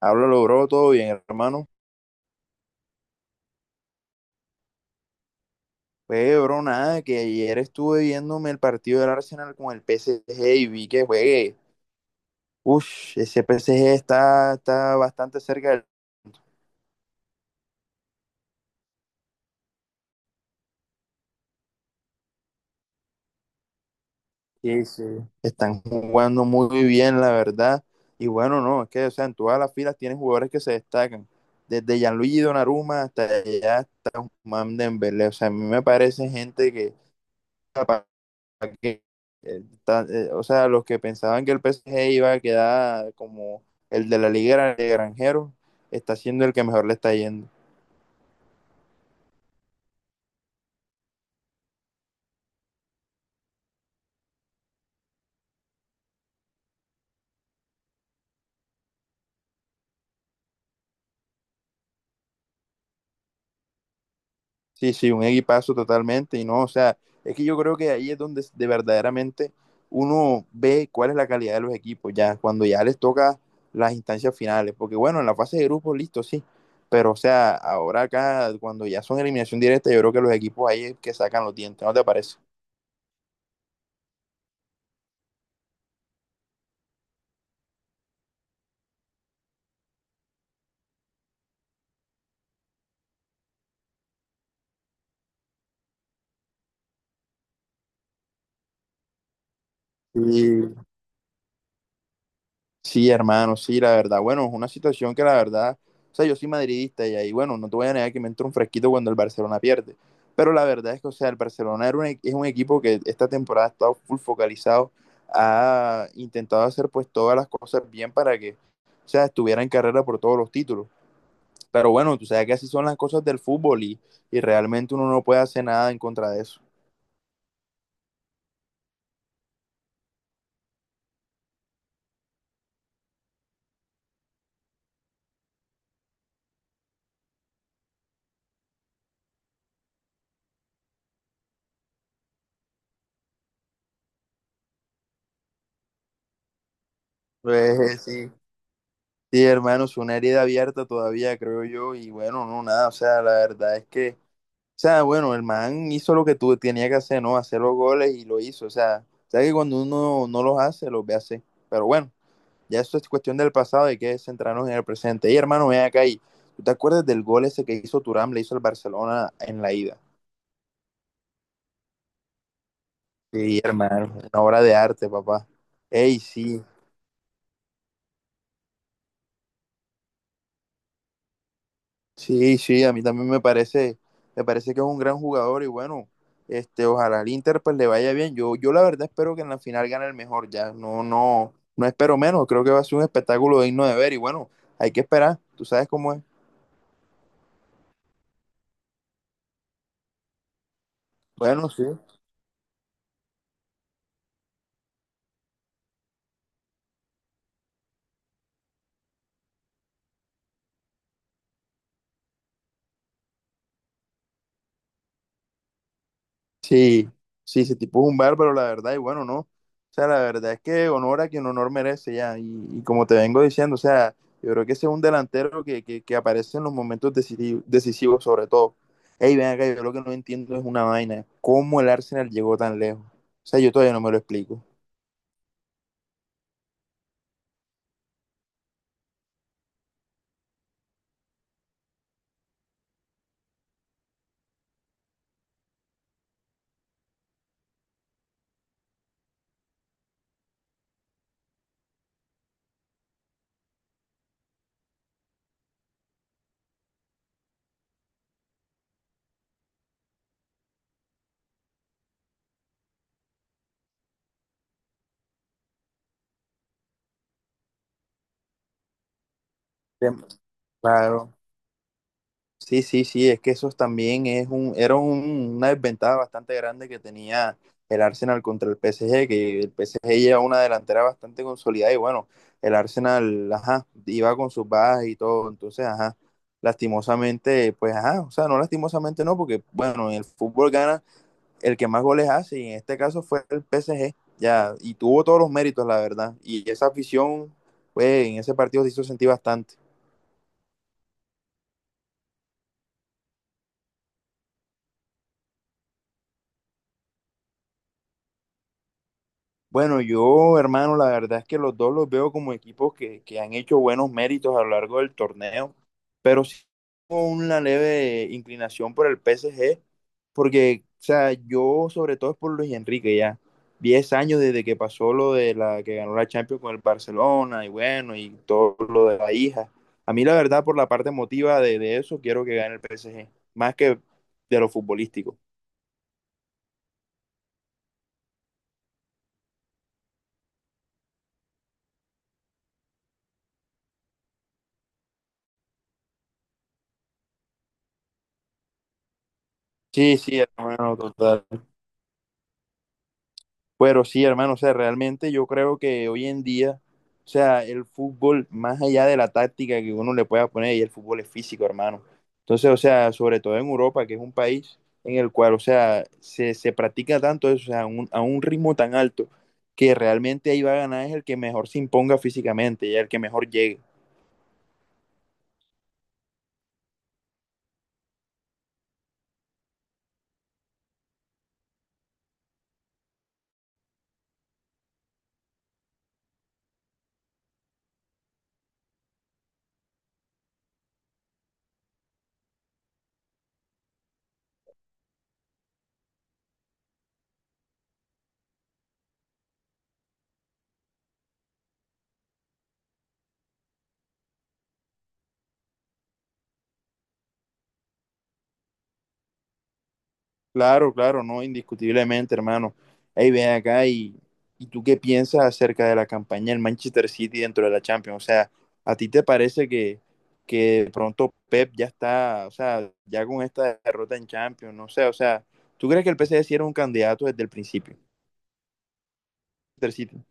Hablo, logró todo bien, hermano. Pues bro nada, que ayer estuve viéndome el partido del Arsenal con el PSG y vi que juegue. Uff, ese PSG está bastante cerca del... Sí, sí. Están jugando muy bien, la verdad. Y bueno, no, es que, o sea, en todas las filas tienen jugadores que se destacan. Desde Gianluigi Donnarumma hasta ya Mam Dembélé. O sea, a mí me parece gente que, o sea, los que pensaban que el PSG iba a quedar como el de la Liga de Granjeros, está siendo el que mejor le está yendo. Sí, sí, un equipazo totalmente. Y no, o sea, es que yo creo que ahí es donde de verdaderamente uno ve cuál es la calidad de los equipos, ya cuando ya les toca las instancias finales. Porque bueno, en la fase de grupos, listo, sí. Pero, o sea, ahora acá, cuando ya son eliminación directa, yo creo que los equipos ahí es que sacan los dientes, ¿no te parece? Sí, sí, hermano, sí, la verdad. Bueno, es una situación que la verdad, o sea, yo soy madridista y ahí, bueno, no te voy a negar que me entra un fresquito cuando el Barcelona pierde. Pero la verdad es que, o sea, el Barcelona es un equipo que esta temporada ha estado full focalizado, ha intentado hacer pues todas las cosas bien para que, o sea, estuviera en carrera por todos los títulos. Pero bueno, tú sabes que así son las cosas del fútbol y realmente uno no puede hacer nada en contra de eso. Pues sí. Sí, hermano, es una herida abierta todavía, creo yo, y bueno, no, nada, o sea, la verdad es que o sea, bueno, el man hizo lo que tú tenía que hacer, ¿no? Hacer los goles y lo hizo. O sea, sabes que cuando uno no los hace, los ve hacer. Pero bueno, ya eso es cuestión del pasado, hay que centrarnos en el presente. Y hermano, ven acá y ¿tú te acuerdas del gol ese que hizo Turam, le hizo el Barcelona en la ida? Sí, hermano, una obra de arte, papá. Ey, sí, sí, sí, a mí también me parece que es un gran jugador y bueno, este, ojalá al Inter pues le vaya bien. Yo la verdad espero que en la final gane el mejor ya. No, no, no espero menos. Creo que va a ser un espectáculo digno de ver y bueno, hay que esperar. Tú sabes cómo es. Bueno, sí. Sí, sí, ese tipo es un bárbaro, la verdad, y bueno, no. O sea, la verdad es que honor a quien honor merece ya. Y como te vengo diciendo, o sea, yo creo que ese es un delantero que aparece en los momentos decisivos, sobre todo. Ey, ven acá, yo lo que no entiendo es una vaina. ¿Cómo el Arsenal llegó tan lejos? O sea, yo todavía no me lo explico. Tem- Claro. Sí, sí, sí, es que eso también es un, era un- una desventaja bastante grande que tenía el Arsenal contra el PSG, que el PSG lleva una delantera bastante consolidada y bueno, el Arsenal, ajá, iba con sus bajas y todo, entonces, ajá, lastimosamente, pues, ajá, o sea, no lastimosamente no, porque bueno, en el fútbol gana el que más goles hace y en este caso fue el PSG, ya, y tuvo todos los méritos, la verdad, y esa afición, pues, en ese partido se hizo sentir bastante. Bueno, yo, hermano, la verdad es que los dos los veo como equipos que han hecho buenos méritos a lo largo del torneo, pero sí tengo una leve inclinación por el PSG, porque, o sea, yo sobre todo es por Luis Enrique ya, 10 años desde que pasó lo de la que ganó la Champions con el Barcelona y bueno, y todo lo de la hija. A mí la verdad, por la parte emotiva de eso, quiero que gane el PSG, más que de lo futbolístico. Sí, sí, hermano, total. Pero sí, hermano, o sea, realmente yo creo que hoy en día, o sea, el fútbol, más allá de la táctica que uno le pueda poner, y el fútbol es físico, hermano. Entonces, o sea, sobre todo en Europa, que es un país en el cual, o sea, se practica tanto eso, o sea, a un ritmo tan alto, que realmente ahí va a ganar es el que mejor se imponga físicamente y el que mejor llegue. Claro, claro, no, indiscutiblemente, hermano. Ahí ven acá y tú qué piensas acerca de la campaña del Manchester City dentro de la Champions. O sea, ¿a ti te parece que de pronto Pep ya está, o sea, ya con esta derrota en Champions? No sé, o sea, ¿tú crees que el PSG sí era un candidato desde el principio? Manchester City.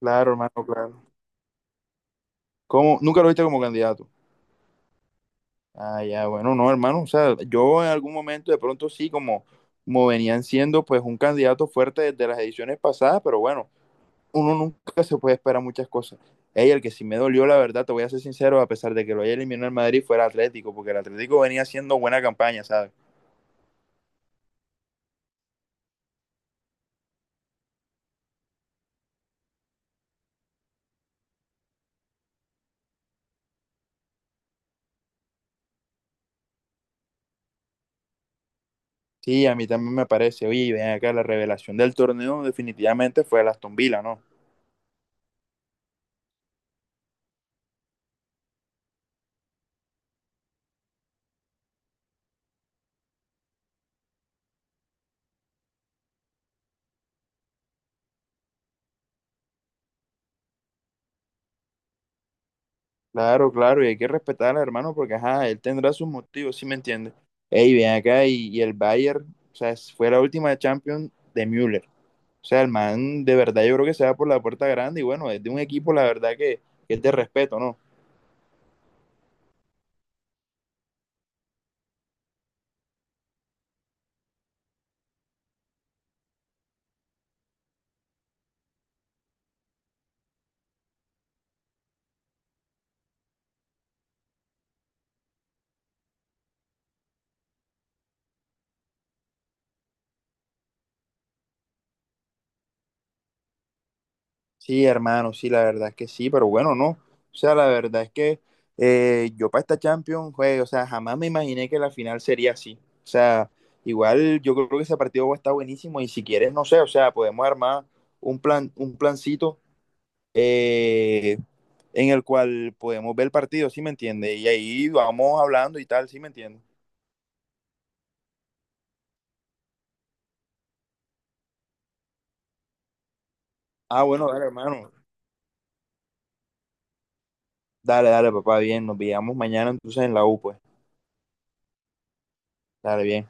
Claro, hermano, claro. ¿Cómo? ¿Nunca lo viste como candidato? Ah, ya, bueno, no, hermano. O sea, yo en algún momento de pronto sí, como venían siendo pues un candidato fuerte desde las ediciones pasadas, pero bueno. Uno nunca se puede esperar muchas cosas. Ey, el que sí me dolió, la verdad, te voy a ser sincero, a pesar de que lo haya eliminado el Madrid, fue el Atlético, porque el Atlético venía haciendo buena campaña, ¿sabes? Sí, a mí también me parece. Oye, ven acá, la revelación del torneo definitivamente fue el Aston Villa, ¿no? Claro, claro, y hay que respetar al hermano porque, ajá, él tendrá sus motivos, ¿sí me entiendes? Ey, ven acá, y el Bayern, o sea, fue la última Champions de Müller. O sea, el man, de verdad, yo creo que se va por la puerta grande y bueno, es de un equipo, la verdad, que es de respeto, ¿no? Sí, hermano, sí, la verdad es que sí, pero bueno, no. O sea, la verdad es que yo para esta Champions, güey, o sea, jamás me imaginé que la final sería así. O sea, igual yo creo que ese partido va a estar buenísimo y si quieres, no sé, o sea, podemos armar un plan, un plancito eh, en el cual podemos ver el partido, ¿sí me entiendes? Y ahí vamos hablando y tal, ¿sí me entiendes? Ah, bueno, dale, hermano. Dale, dale, papá, bien, nos veamos mañana entonces en la U, pues. Dale, bien.